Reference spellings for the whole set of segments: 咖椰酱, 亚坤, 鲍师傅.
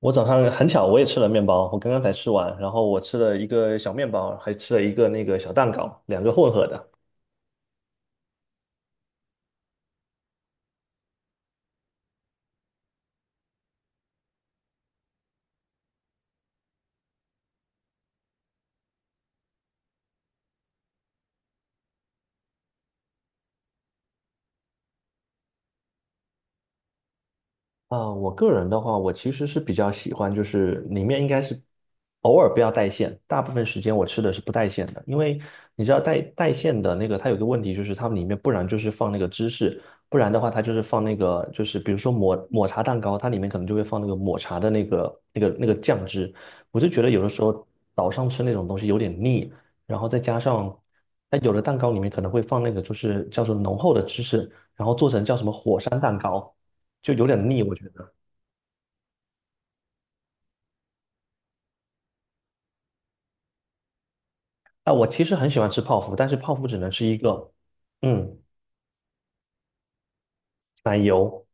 我早上很巧，我也吃了面包，我刚刚才吃完，然后我吃了一个小面包，还吃了一个小蛋糕，两个混合的。啊，我个人的话，我其实是比较喜欢，就是里面应该是偶尔不要带馅，大部分时间我吃的是不带馅的，因为你知道带馅的那个，它有个问题就是它们里面不然就是放那个芝士，不然的话它就是放那个就是比如说抹茶蛋糕，它里面可能就会放那个抹茶的那个酱汁，我就觉得有的时候早上吃那种东西有点腻，然后再加上它有的蛋糕里面可能会放那个就是叫做浓厚的芝士，然后做成叫什么火山蛋糕。就有点腻，我觉得。啊，我其实很喜欢吃泡芙，但是泡芙只能是一个，嗯，奶油，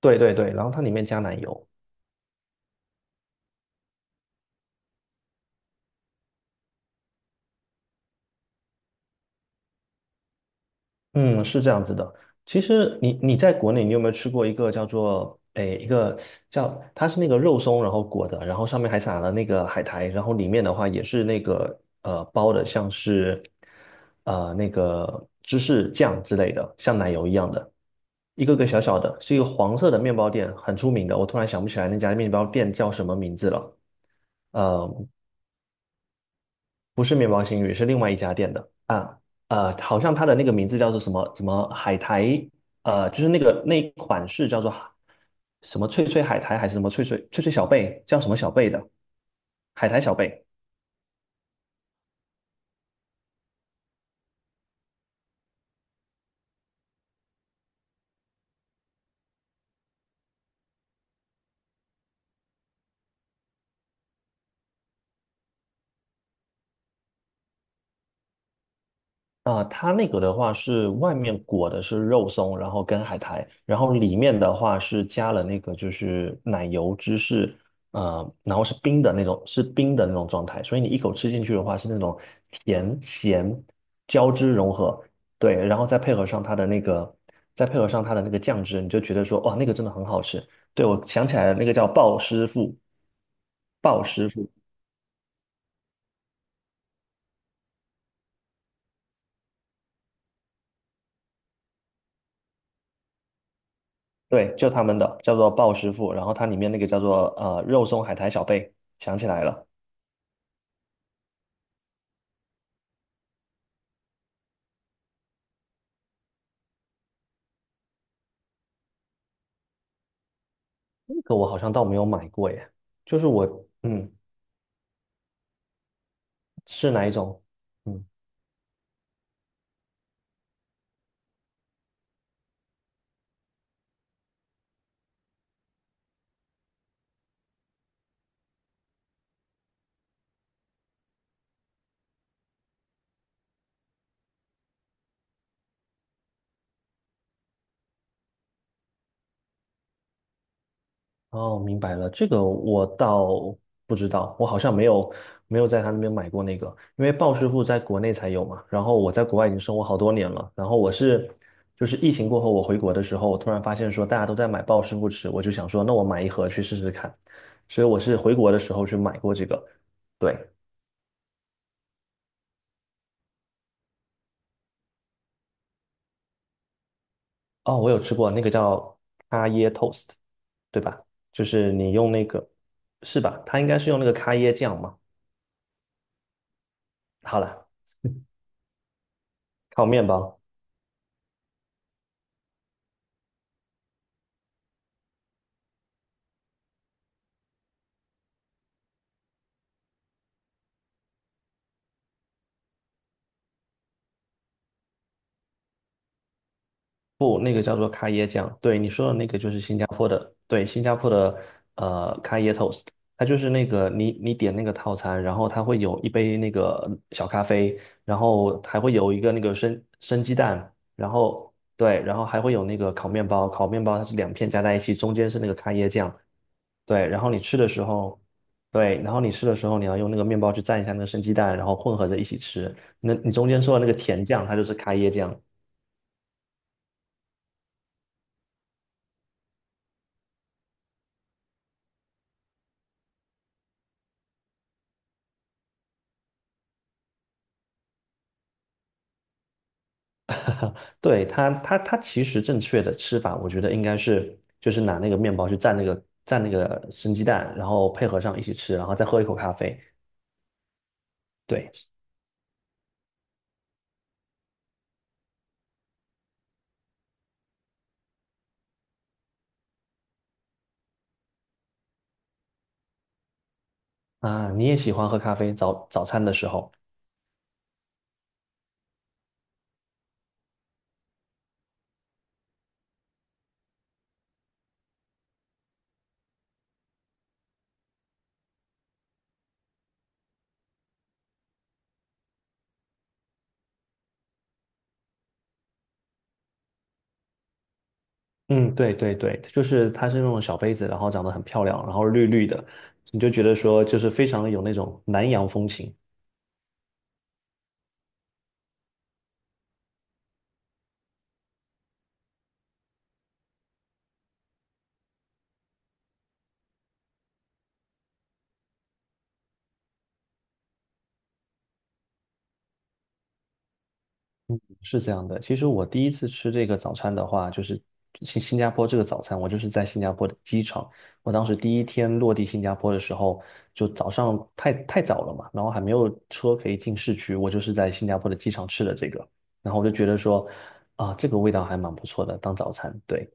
对对对，然后它里面加奶油。嗯，是这样子的。其实你在国内，你有没有吃过一个叫做一个叫它是那个肉松，然后裹的，然后上面还撒了那个海苔，然后里面的话也是那个包的，像是那个芝士酱之类的，像奶油一样的，一个个小小的，是一个黄色的面包店，很出名的。我突然想不起来那家面包店叫什么名字了。呃，不是面包新语，是另外一家店的啊，好像它的那个名字叫做什么什么海苔，就是那个那一款是叫做海什么脆脆海苔还是什么脆脆小贝，叫什么小贝的海苔小贝，啊，它那个的话是外面裹的是肉松，然后跟海苔，然后里面的话是加了那个就是奶油芝士，然后是冰的那种，是冰的那种状态，所以你一口吃进去的话是那种甜咸交织融合，对，然后再配合上它的那个酱汁，你就觉得说，哇，那个真的很好吃。对，我想起来了，那个叫鲍师傅，鲍师傅。对，就他们的叫做鲍师傅，然后它里面那个叫做肉松海苔小贝，想起来了，那个我好像倒没有买过耶。就是我嗯是哪一种？嗯，哦，明白了，这个我倒不知道，我好像没有在他那边买过那个，因为鲍师傅在国内才有嘛，然后我在国外已经生活好多年了，然后就是疫情过后我回国的时候，我突然发现说大家都在买鲍师傅吃，我就想说那我买一盒去试试看，所以我是回国的时候去买过这个。对。哦，我有吃过那个叫咖椰 toast，对吧？就是你用那个，是吧？它应该是用那个咖椰酱嘛。好了，烤面包，不，那个叫做咖椰酱。对，你说的那个就是新加坡的，对，新加坡的咖椰 toast，它就是那个你点那个套餐，然后它会有一杯那个小咖啡，然后还会有一个那个生鸡蛋，然后对，然后还会有那个烤面包，烤面包它是两片加在一起，中间是那个咖椰酱。对，然后你吃的时候，对，然后你吃的时候，你要用那个面包去蘸一下那个生鸡蛋，然后混合着一起吃。那你中间说的那个甜酱，它就是开椰酱。对，它其实正确的吃法，我觉得应该是就是拿那个面包去蘸那个生鸡蛋，然后配合上一起吃，然后再喝一口咖啡。对啊，你也喜欢喝咖啡，早餐的时候。嗯，对对对，就是它是那种小杯子，然后长得很漂亮，然后绿绿的，你就觉得说就是非常有那种南洋风情。是这样的，其实我第一次吃这个早餐的话，就是新加坡这个早餐，我就是在新加坡的机场。我当时第一天落地新加坡的时候，就早上太早了嘛，然后还没有车可以进市区，我就是在新加坡的机场吃的这个，然后我就觉得说，啊，这个味道还蛮不错的，当早餐。对，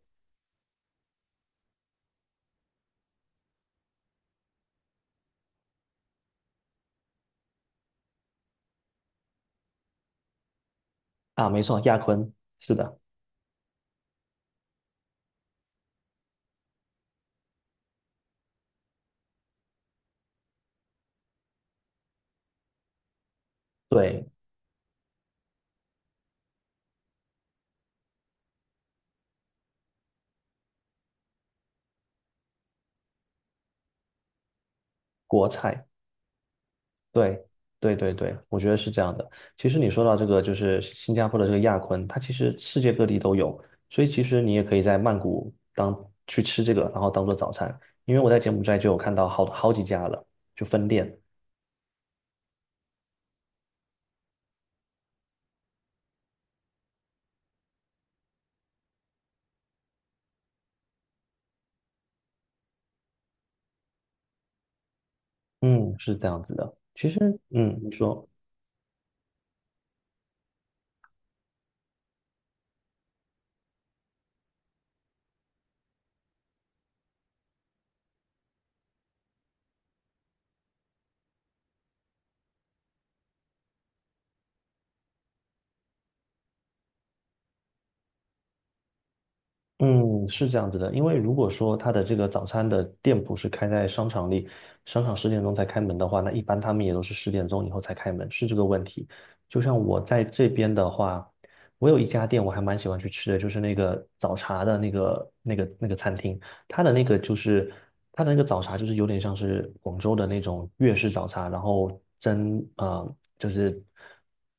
啊，没错，亚坤，是的，对，国菜。对，对对对，我觉得是这样的。其实你说到这个，就是新加坡的这个亚坤，它其实世界各地都有，所以其实你也可以在曼谷去吃这个，然后当做早餐。因为我在柬埔寨就有看到好几家了，就分店。嗯，是这样子的。其实，嗯，你说。嗯，是这样子的，因为如果说他的这个早餐的店铺是开在商场里，商场十点钟才开门的话，那一般他们也都是十点钟以后才开门，是这个问题。就像我在这边的话，我有一家店我还蛮喜欢去吃的，就是那个早茶的那个餐厅，它的那个就是它的那个早茶就是有点像是广州的那种粤式早茶，然后蒸啊、就是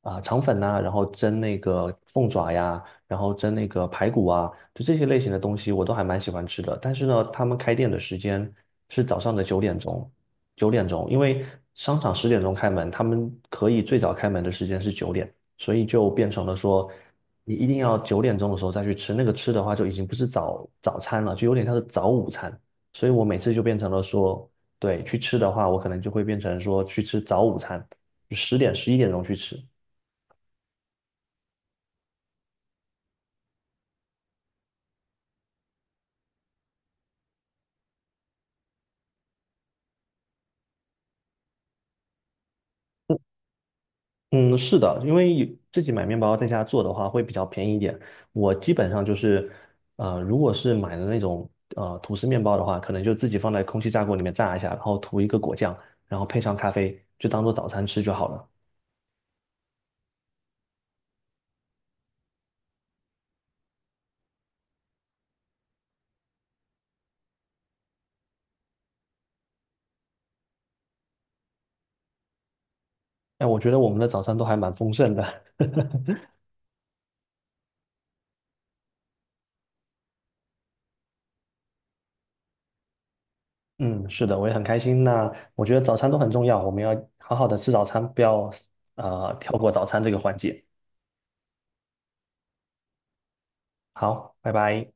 啊、肠粉呐、然后蒸那个凤爪呀。然后蒸那个排骨啊，就这些类型的东西我都还蛮喜欢吃的。但是呢，他们开店的时间是早上的九点钟，九点钟，因为商场十点钟开门，他们可以最早开门的时间是九点，所以就变成了说，你一定要九点钟的时候再去吃，那个吃的话就已经不是早餐了，就有点像是早午餐。所以我每次就变成了说，对，去吃的话，我可能就会变成说去吃早午餐，10点11点钟去吃。嗯，是的，因为有自己买面包在家做的话会比较便宜一点。我基本上就是，如果是买的那种吐司面包的话，可能就自己放在空气炸锅里面炸一下，然后涂一个果酱，然后配上咖啡，就当做早餐吃就好了。哎，我觉得我们的早餐都还蛮丰盛的。嗯，是的，我也很开心。那我觉得早餐都很重要，我们要好好的吃早餐，不要跳过早餐这个环节。好，拜拜。